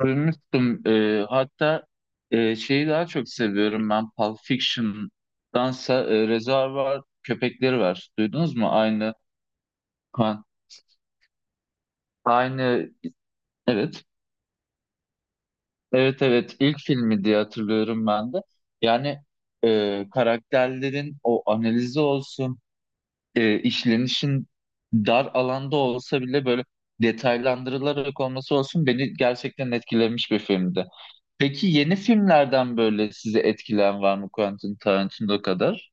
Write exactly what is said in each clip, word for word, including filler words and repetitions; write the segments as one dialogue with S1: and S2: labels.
S1: Duymuştum. Ee, hatta e, şeyi daha çok seviyorum ben Pulp Fiction'dansa e, Reservoir Köpekleri var. Duydunuz mu? Aynı kan. Aynı, evet. Evet, evet, ilk filmi diye hatırlıyorum ben de. Yani e, karakterlerin o analizi olsun, e, işlenişin dar alanda olsa bile böyle detaylandırılarak olması olsun beni gerçekten etkilemiş bir filmdi. Peki yeni filmlerden böyle sizi etkilen var mı Quentin Tarantino kadar?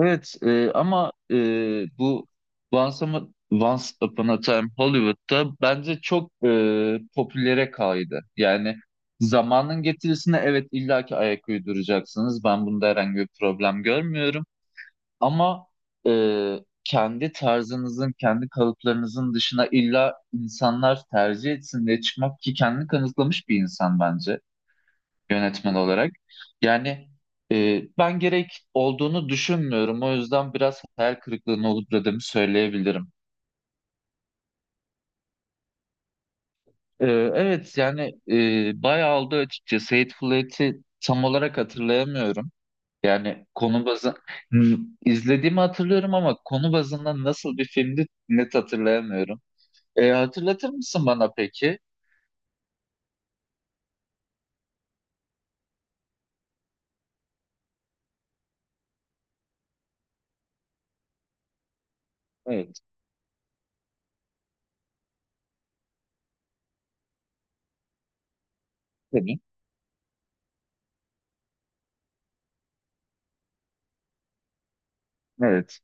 S1: Evet, e, ama e, bu Once Upon, Once Upon a Time Hollywood'da bence çok e, popülere kaydı. Yani zamanın getirisine evet illaki ayak uyduracaksınız. Ben bunda herhangi bir problem görmüyorum. Ama e, kendi tarzınızın, kendi kalıplarınızın dışına illa insanlar tercih etsin diye çıkmak ki kendini kanıtlamış bir insan bence. yönetmen olarak. Yani e, ben gerek olduğunu düşünmüyorum. O yüzden biraz hayal kırıklığına uğradığımı söyleyebilirim. E, evet yani e, bayağı oldu açıkçası. Hateful Eight'i tam olarak hatırlayamıyorum. Yani konu bazı Hmm, izlediğimi hatırlıyorum ama konu bazında nasıl bir filmdi net hatırlayamıyorum. E, hatırlatır mısın bana peki? Evet. Tabii. Evet.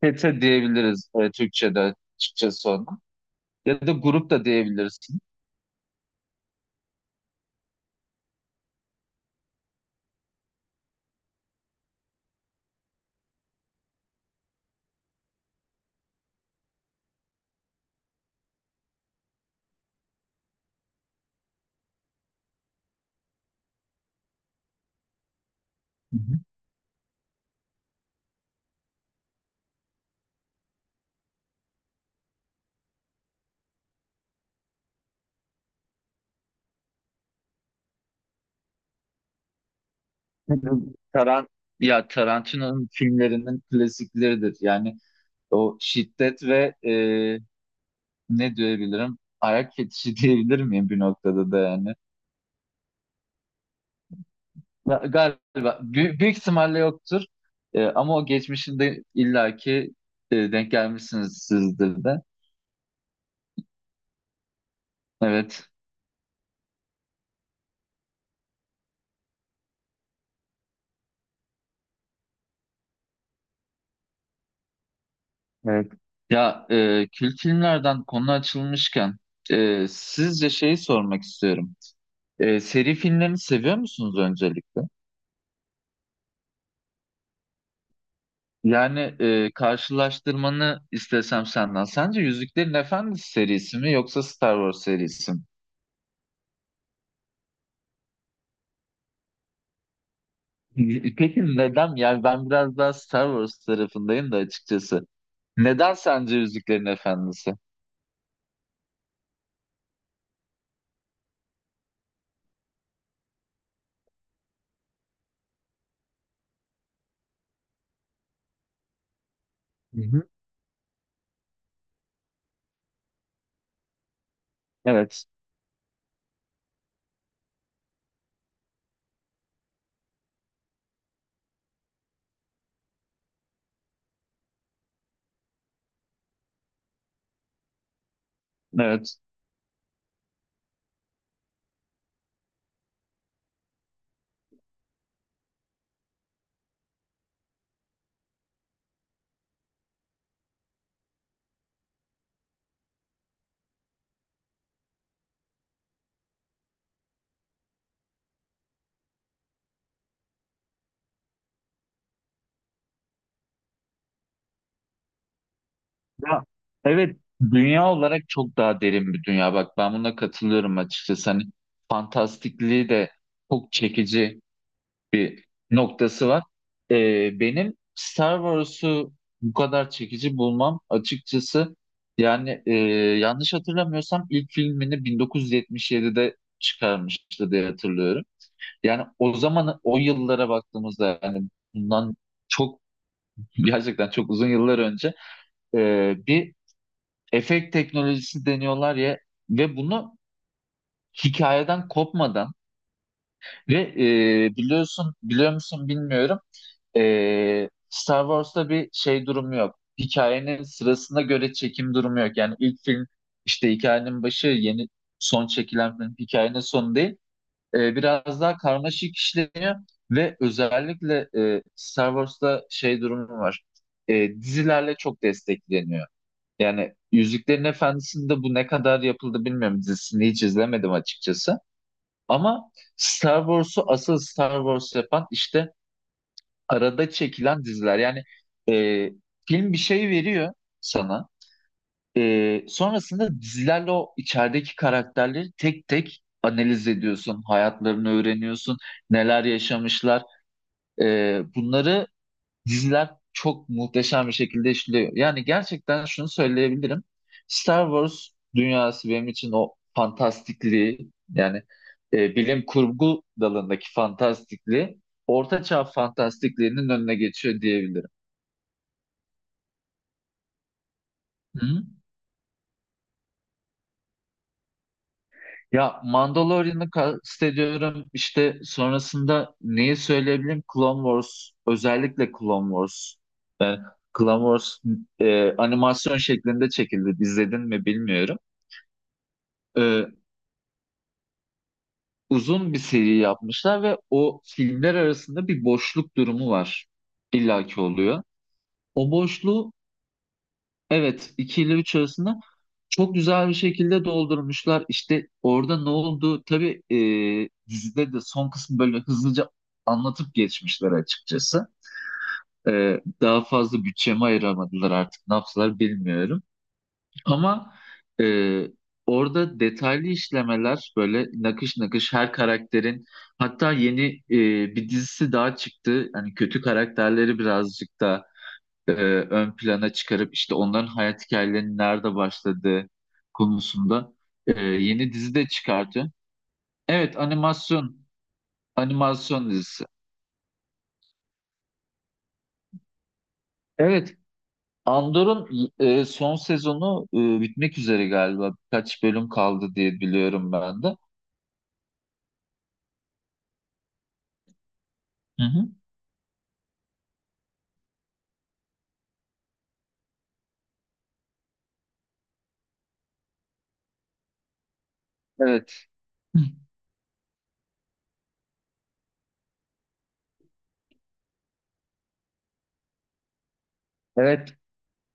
S1: Pete diyebiliriz e, Türkçe'de açıkçası ona. Ya da grup da diyebilirsin. Taran ya Tarantino'nun filmlerinin klasikleridir. Yani o şiddet ve e, ne diyebilirim? Ayak fetişi diyebilir miyim bir noktada da yani? Ya, galiba büyük, büyük ihtimalle yoktur. E, ama o geçmişinde illaki e, denk gelmişsiniz sizdir de. Evet. Evet. Ya, e, kült filmlerden konu açılmışken e, sizce şeyi sormak istiyorum. E, seri filmlerini seviyor musunuz öncelikle? Yani e, karşılaştırmanı istesem senden. Sence Yüzüklerin Efendisi serisi mi yoksa Star Wars serisi mi? Y- Peki neden? Yani ben biraz daha Star Wars tarafındayım da açıkçası. Neden sence Yüzüklerin Efendisi? Hı hı. Evet, evet. Ya, evet, dünya olarak çok daha derin bir dünya. Bak ben buna katılıyorum açıkçası. Hani fantastikliği de çok çekici bir noktası var. Ee, benim Star Wars'u bu kadar çekici bulmam açıkçası, yani e, yanlış hatırlamıyorsam ilk filmini bin dokuz yüz yetmiş yedide çıkarmıştı diye hatırlıyorum. Yani o zaman o yıllara baktığımızda yani bundan çok, gerçekten çok uzun yıllar önce e, bir efekt teknolojisi deniyorlar ya, ve bunu hikayeden kopmadan ve e, biliyorsun, biliyor musun bilmiyorum. Ee, Star Wars'ta bir şey durumu yok. Hikayenin sırasına göre çekim durumu yok. Yani ilk film işte hikayenin başı, yeni son çekilen film hikayenin sonu değil. Ee, biraz daha karmaşık işleniyor ve özellikle e, Star Wars'ta şey durumu var. Ee, dizilerle çok destekleniyor. Yani Yüzüklerin Efendisi'nde bu ne kadar yapıldı bilmiyorum. Dizisini hiç izlemedim açıkçası. Ama Star Wars'u asıl Star Wars yapan işte arada çekilen diziler. Yani e, film bir şey veriyor sana. E, sonrasında dizilerle o içerideki karakterleri tek tek analiz ediyorsun. Hayatlarını öğreniyorsun. Neler yaşamışlar. E, bunları Diziler çok muhteşem bir şekilde işliyor. Yani gerçekten şunu söyleyebilirim. Star Wars dünyası benim için o fantastikliği, yani e, bilim kurgu dalındaki fantastikliği ortaçağ fantastikliğinin önüne geçiyor diyebilirim. Hı. Ya, Mandalorian'ı kastediyorum. İşte sonrasında neyi söyleyebilirim? Clone Wars, özellikle Clone Wars. Clone Wars e, animasyon şeklinde çekildi. İzledin mi bilmiyorum. E, uzun bir seri yapmışlar ve o filmler arasında bir boşluk durumu var. İllaki oluyor. O boşluğu, evet, iki ile üç arasında çok güzel bir şekilde doldurmuşlar. İşte orada ne oldu? Tabii e, dizide de son kısmı böyle hızlıca anlatıp geçmişler açıkçası. E, daha fazla bütçemi ayıramadılar, artık ne yaptılar bilmiyorum. Ama e, orada detaylı işlemeler böyle nakış nakış her karakterin, hatta yeni e, bir dizisi daha çıktı. Hani kötü karakterleri birazcık da e, ön plana çıkarıp işte onların hayat hikayelerinin nerede başladığı konusunda e, yeni dizi de çıkardı. Evet, animasyon animasyon dizisi. Evet, Andor'un e, son sezonu e, bitmek üzere galiba. Birkaç bölüm kaldı diye biliyorum ben de. Hı hı. Evet. Evet,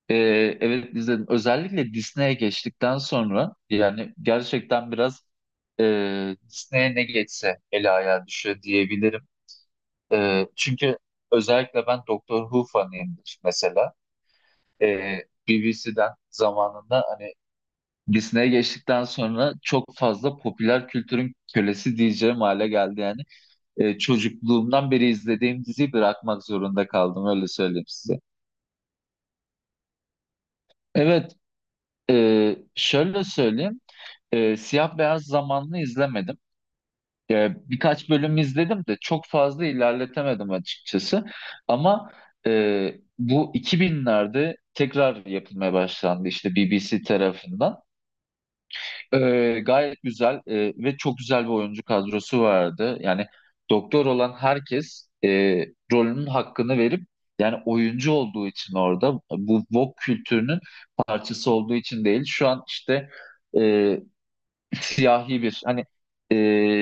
S1: e, evet izledim. Özellikle Disney'e geçtikten sonra yani gerçekten biraz e, Disney'e ne geçse ele ayağa düşüyor diyebilirim. E, çünkü özellikle ben Doctor Who fanıyımdır mesela. E, B B C'den zamanında hani Disney'e geçtikten sonra çok fazla popüler kültürün kölesi diyeceğim hale geldi yani. E, çocukluğumdan beri izlediğim diziyi bırakmak zorunda kaldım, öyle söyleyeyim size. Evet, e, şöyle söyleyeyim. E, siyah beyaz zamanlı izlemedim. E, birkaç bölüm izledim de çok fazla ilerletemedim açıkçası. Ama e, bu iki binlerde tekrar yapılmaya başlandı işte B B C tarafından. E, gayet güzel e, ve çok güzel bir oyuncu kadrosu vardı. Yani doktor olan herkes e, rolünün hakkını verip, yani oyuncu olduğu için, orada bu woke kültürünün parçası olduğu için değil. Şu an işte e, siyahi bir hani e,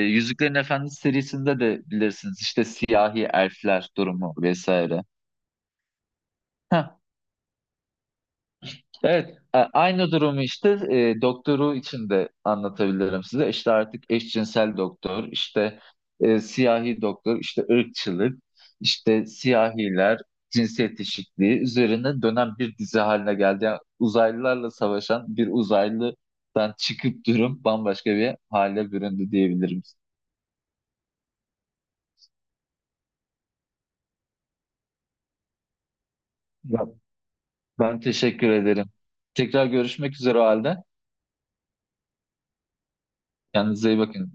S1: Yüzüklerin Efendisi serisinde de bilirsiniz işte siyahi elfler durumu vesaire. Heh, evet A- aynı durumu işte e, doktoru için de anlatabilirim size. İşte artık eşcinsel doktor, işte e, siyahi doktor, işte ırkçılık, işte siyahiler, cinsiyet eşitliği üzerine dönen bir dizi haline geldi. Yani uzaylılarla savaşan bir uzaylıdan çıkıp durum bambaşka bir hale büründü diyebilirim. Ben teşekkür ederim. Tekrar görüşmek üzere o halde. Kendinize iyi bakın.